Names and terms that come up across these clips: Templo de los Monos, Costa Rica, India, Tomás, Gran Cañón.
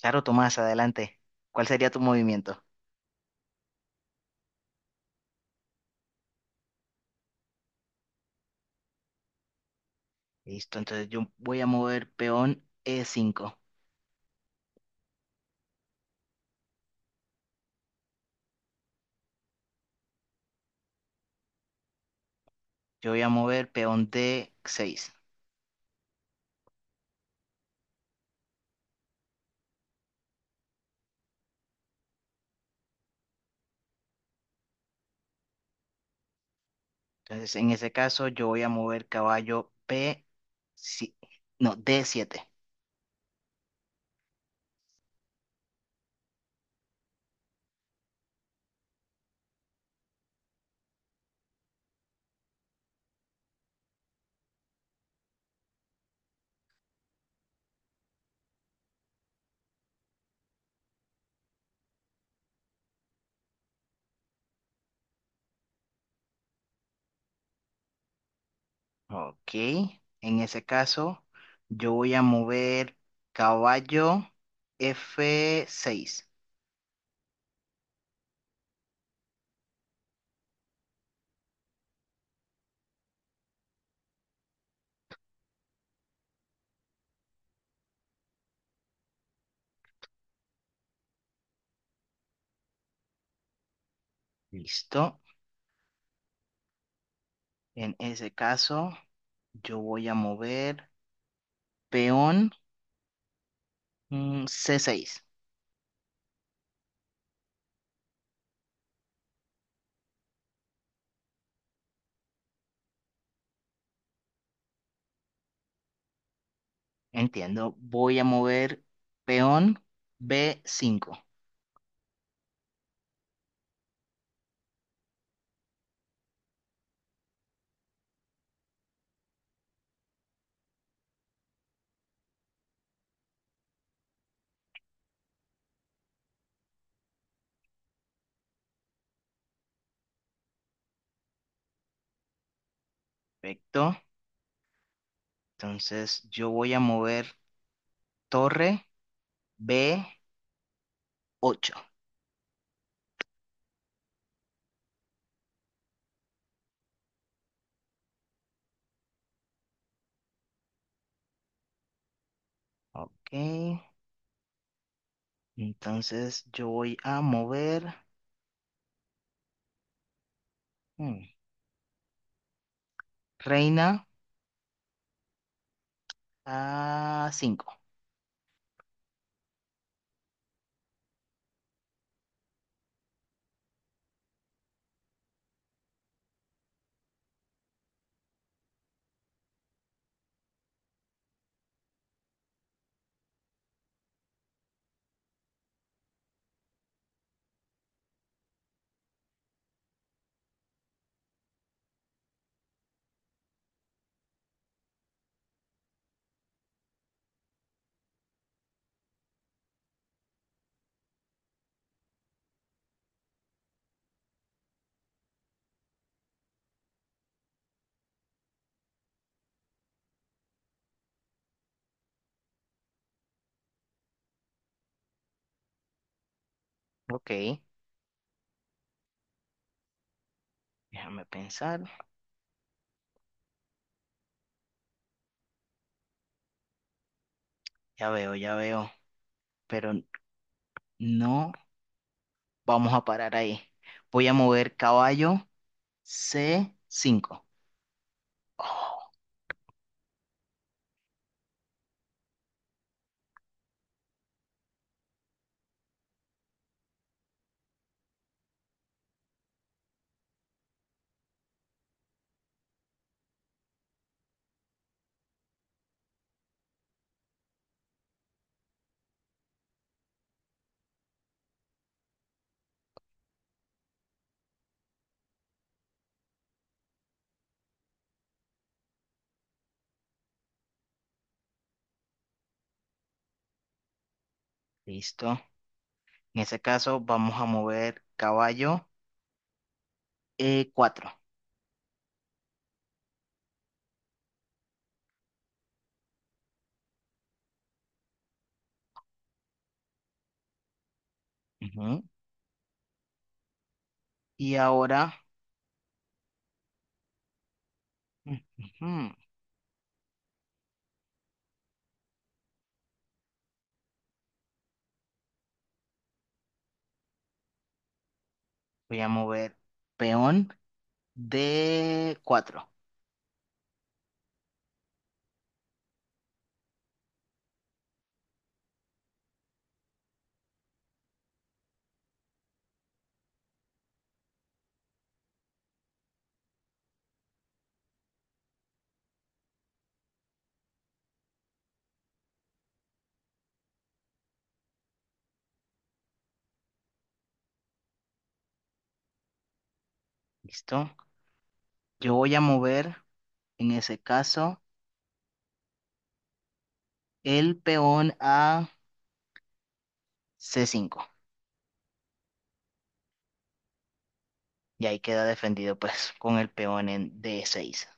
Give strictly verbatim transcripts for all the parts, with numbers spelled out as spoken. Claro, Tomás, adelante. ¿Cuál sería tu movimiento? Listo, entonces yo voy a mover peón E cinco. Yo voy a mover peón D seis. Entonces, en ese caso, yo voy a mover caballo P, si- no, D siete. Ok, en ese caso, yo voy a mover caballo F seis. Listo. En ese caso, yo voy a mover peón mm, C seis. Entiendo. Voy a mover peón b cinco. Perfecto. Entonces yo voy a mover torre b ocho. Ok. Entonces yo voy a mover mm, reina a cinco. Ok. Déjame pensar. Ya veo, ya veo. Pero no vamos a parar ahí. Voy a mover caballo c cinco. Oh, listo. En ese caso vamos a mover caballo. eh, cuatro. Ujú. Y ahora ujú, voy a mover peón de cuatro. ¿Listo? Yo voy a mover, en ese caso, el peón a c cinco. Y ahí queda defendido, pues, con el peón en d seis.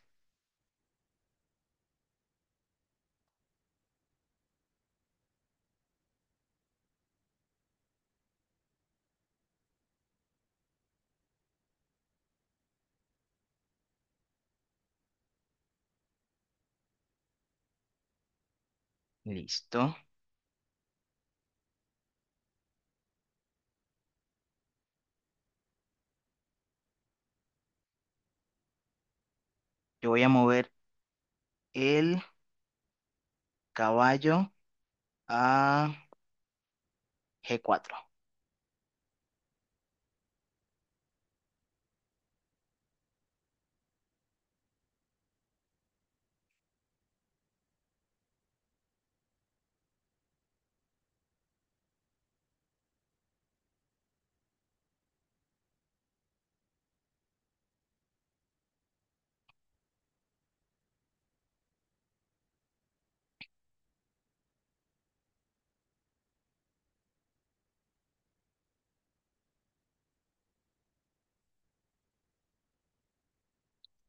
¿Listo? Yo voy a mover el caballo a g cuatro.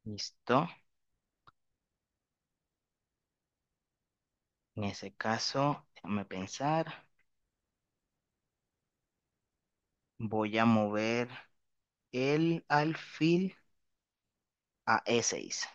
¿Listo? En ese caso, déjame pensar. Voy a mover el alfil a e seis.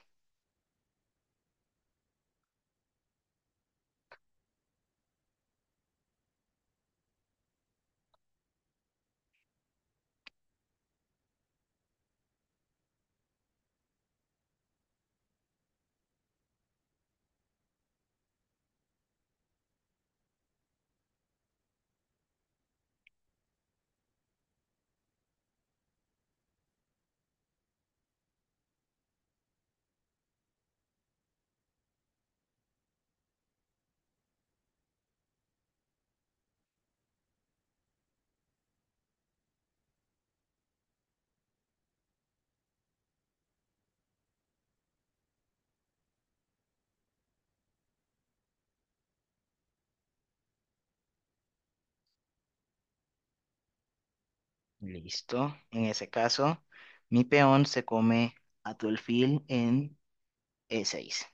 Listo. En ese caso, mi peón se come a tu alfil en E seis.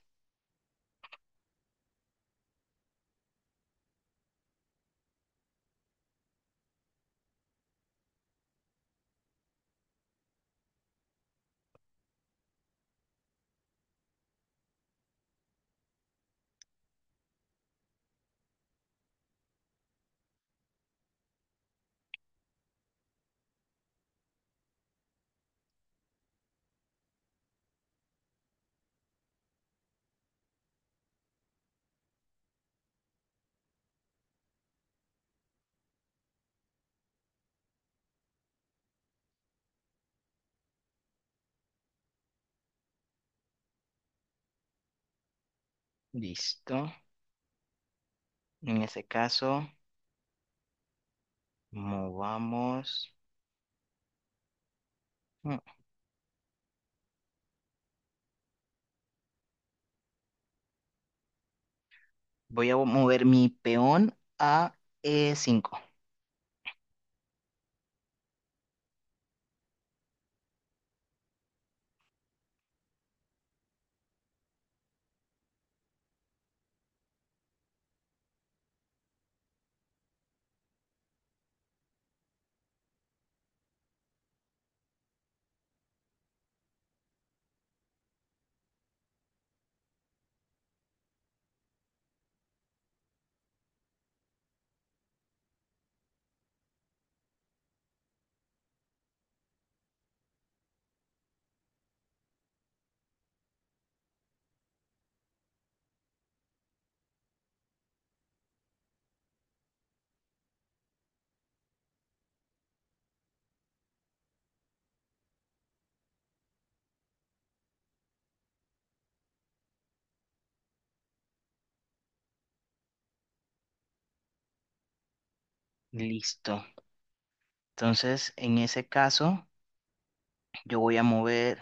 Listo. En ese caso, movamos. Mm, Voy a mover mi peón a E cinco. Listo. Entonces, en ese caso, yo voy a mover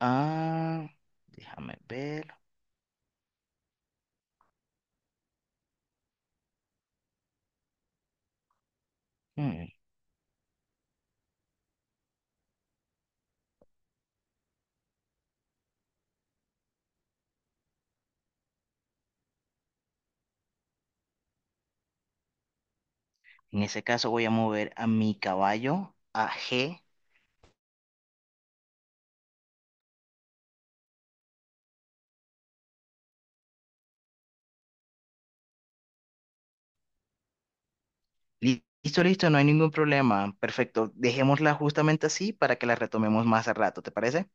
a... Déjame ver. Mm, En ese caso, voy a mover a mi caballo a G. Li- Listo, listo, no hay ningún problema. Perfecto. Dejémosla justamente así para que la retomemos más a rato, ¿te parece?